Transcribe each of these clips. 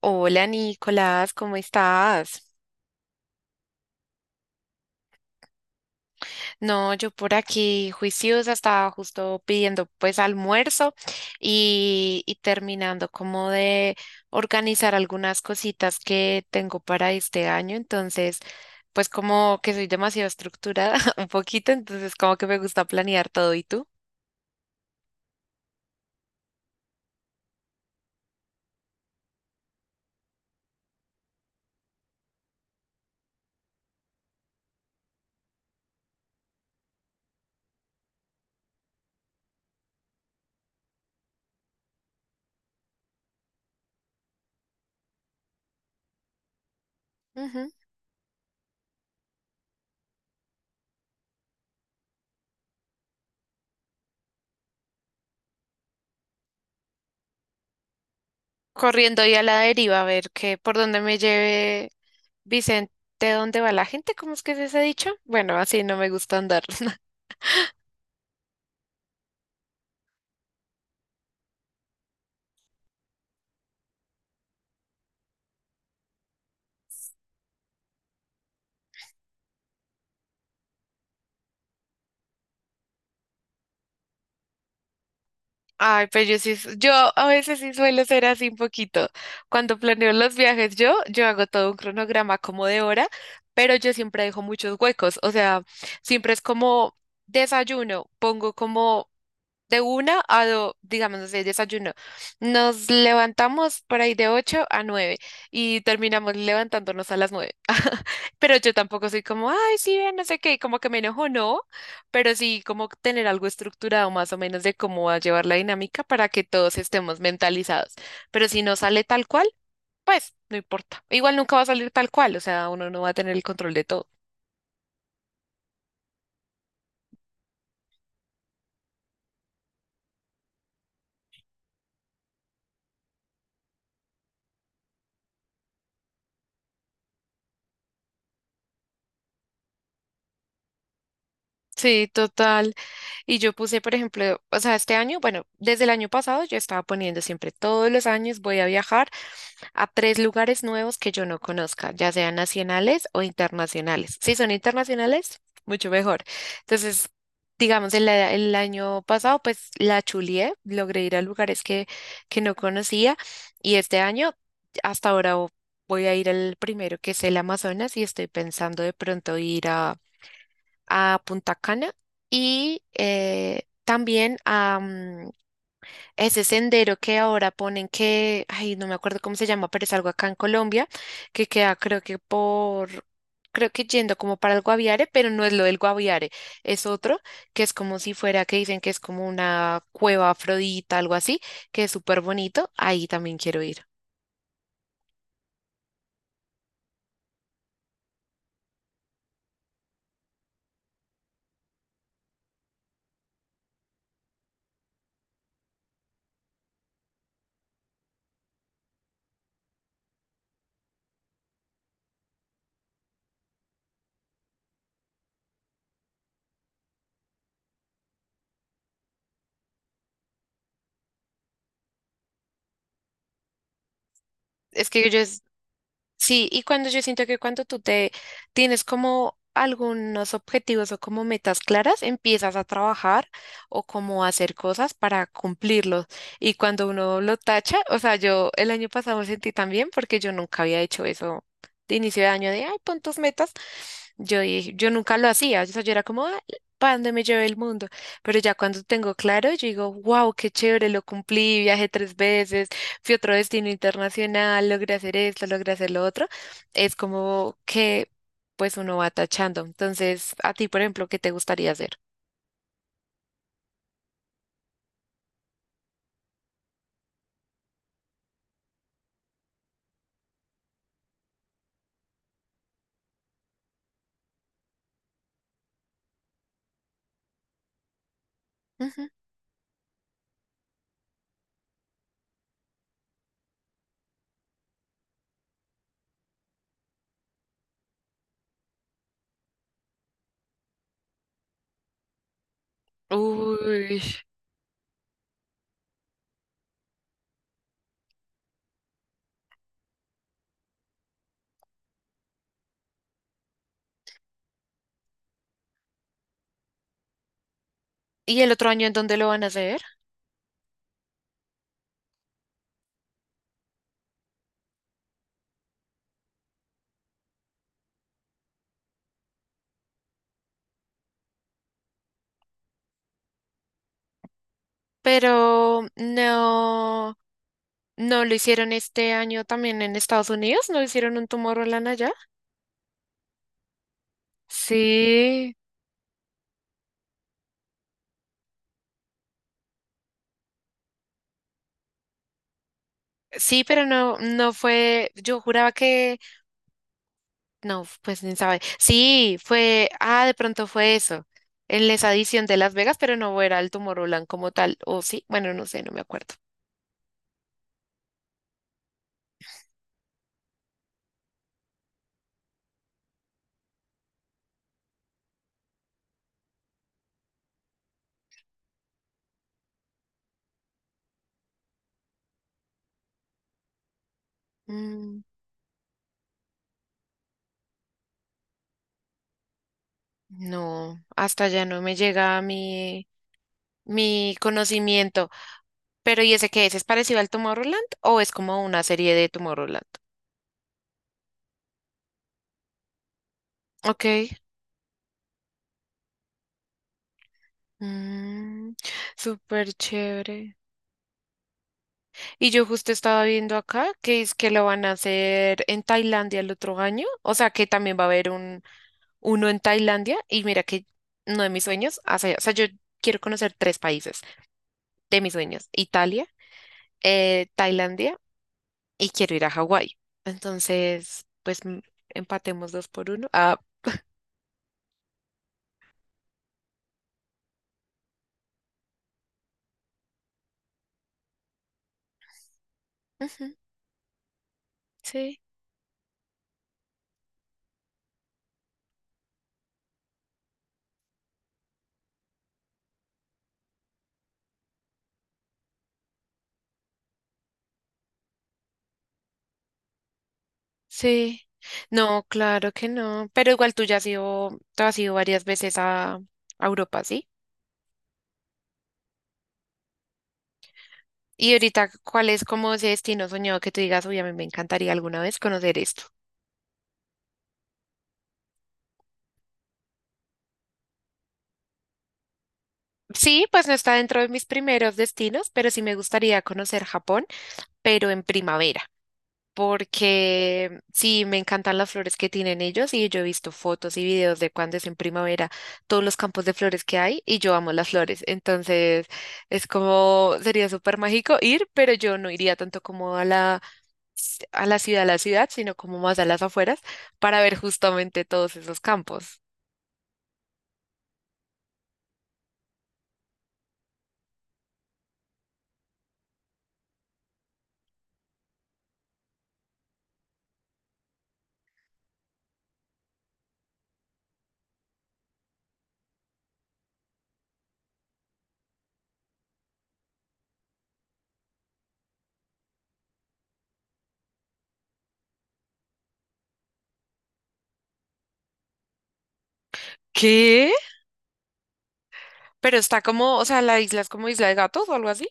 Hola Nicolás, ¿cómo estás? No, yo por aquí juiciosa estaba justo pidiendo pues almuerzo y terminando como de organizar algunas cositas que tengo para este año, entonces pues como que soy demasiado estructurada un poquito, entonces como que me gusta planear todo. ¿Y tú? Ujú. Corriendo y a la deriva a ver qué, por dónde me lleve Vicente, dónde va la gente, ¿cómo es que se ha dicho? Bueno, así no me gusta andar. Ay, pues yo sí, yo a veces sí suelo ser así un poquito. Cuando planeo los viajes, yo hago todo un cronograma como de hora, pero yo siempre dejo muchos huecos. O sea, siempre es como desayuno, pongo como de 1 a 2, digamos, no sé, desayuno. Nos levantamos por ahí de 8 a 9 y terminamos levantándonos a las 9. Pero yo tampoco soy como, ay, sí, ve, no sé qué, como que me enojo, no, pero sí como tener algo estructurado más o menos de cómo va a llevar la dinámica para que todos estemos mentalizados. Pero si no sale tal cual, pues no importa. Igual nunca va a salir tal cual, o sea, uno no va a tener el control de todo. Sí, total. Y yo puse, por ejemplo, o sea, este año, bueno, desde el año pasado yo estaba poniendo siempre todos los años voy a viajar a tres lugares nuevos que yo no conozca, ya sean nacionales o internacionales. Si son internacionales, mucho mejor. Entonces, digamos, el año pasado, pues la chulié, logré ir a lugares que no conocía y este año, hasta ahora, voy a ir al primero que es el Amazonas y estoy pensando de pronto ir a Punta Cana y también a ese sendero que ahora ponen que, ay, no me acuerdo cómo se llama, pero es algo acá en Colombia, que queda creo que por, creo que yendo como para el Guaviare, pero no es lo del Guaviare, es otro, que es como si fuera, que dicen que es como una cueva afrodita, algo así, que es súper bonito, ahí también quiero ir. Es que yo Sí, y cuando yo siento que cuando tú te tienes como algunos objetivos o como metas claras, empiezas a trabajar o como a hacer cosas para cumplirlos. Y cuando uno lo tacha, o sea, yo el año pasado me sentí también porque yo nunca había hecho eso de inicio de año de, ay, pon tus metas. Yo dije, yo nunca lo hacía, o sea, yo era como, "Ah, ¿para dónde me lleve el mundo?" Pero ya cuando tengo claro, yo digo, wow, qué chévere, lo cumplí, viajé tres veces, fui a otro destino internacional, logré hacer esto, logré hacer lo otro, es como que pues uno va tachando. Entonces, a ti, por ejemplo, ¿qué te gustaría hacer? Ujú. Uy. ¿Y el otro año en dónde lo van a hacer? Pero no, no lo hicieron este año también en Estados Unidos, no hicieron un Tomorrowland allá. Sí, sí, pero no, no fue, yo juraba que No, pues ni sabe. Sí, fue, ah, de pronto fue eso, en esa edición de Las Vegas, pero no era el Tomorrowland como tal, o sí, bueno, no sé, no me acuerdo. Mm, no, hasta allá no me llega mi conocimiento. Pero ¿y ese qué es? ¿Es parecido al Tomorrowland o es como una serie de Tomorrowland? Ok. Mm, súper chévere. Y yo justo estaba viendo acá que es que lo van a hacer en Tailandia el otro año. O sea que también va a haber uno en Tailandia y mira que uno de mis sueños, o sea, yo quiero conocer tres países de mis sueños, Italia, Tailandia y quiero ir a Hawái. Entonces, pues empatemos dos por uno. Ah, ujú, sí, sí. No, claro que no, pero igual tú ya has ido, tú has ido varias veces a Europa, ¿sí? Y ahorita, ¿cuál es como ese destino soñado que tú digas, uy, a mí me encantaría alguna vez conocer esto? Sí, pues no está dentro de mis primeros destinos, pero sí me gustaría conocer Japón, pero en primavera, porque sí, me encantan las flores que tienen ellos y yo he visto fotos y videos de cuando es en primavera, todos los campos de flores que hay y yo amo las flores, entonces es como, sería súper mágico ir, pero yo no iría tanto como a a la ciudad, sino como más a las afueras para ver justamente todos esos campos. ¿Qué? Pero está como, o sea, la isla es como Isla de Gatos o algo así.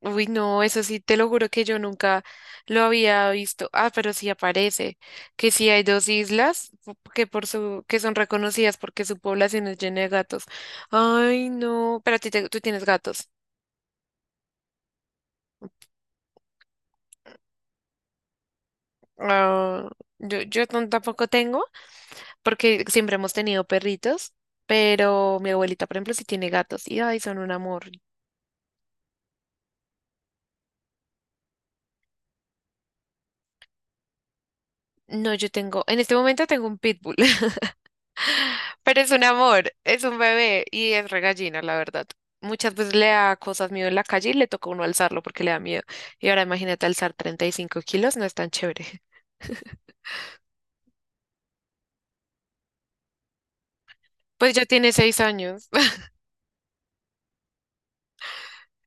Uy, no, eso sí, te lo juro que yo nunca lo había visto. Ah, pero sí aparece que sí hay dos islas que son reconocidas porque su población es llena de gatos. Ay, no, pero a ti tú tienes gatos. Ah, yo yo no- tampoco tengo porque siempre hemos tenido perritos, pero mi abuelita, por ejemplo, sí tiene gatos y ay, son un amor. No, yo tengo, en este momento tengo un pitbull. Pero es un amor, es un bebé y es regallina, la verdad. Muchas veces le da cosas miedo en la calle y le toca a uno alzarlo porque le da miedo. Y ahora imagínate alzar 35 kilos, no es tan chévere. Pues ya tiene 6 años.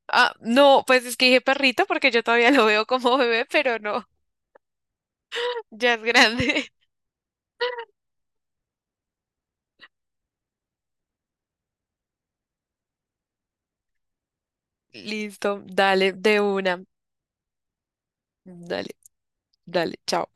Ah, no, pues es que dije perrito porque yo todavía lo veo como bebé, pero no, ya es grande. Listo, dale, de una. Dale, dale, chao.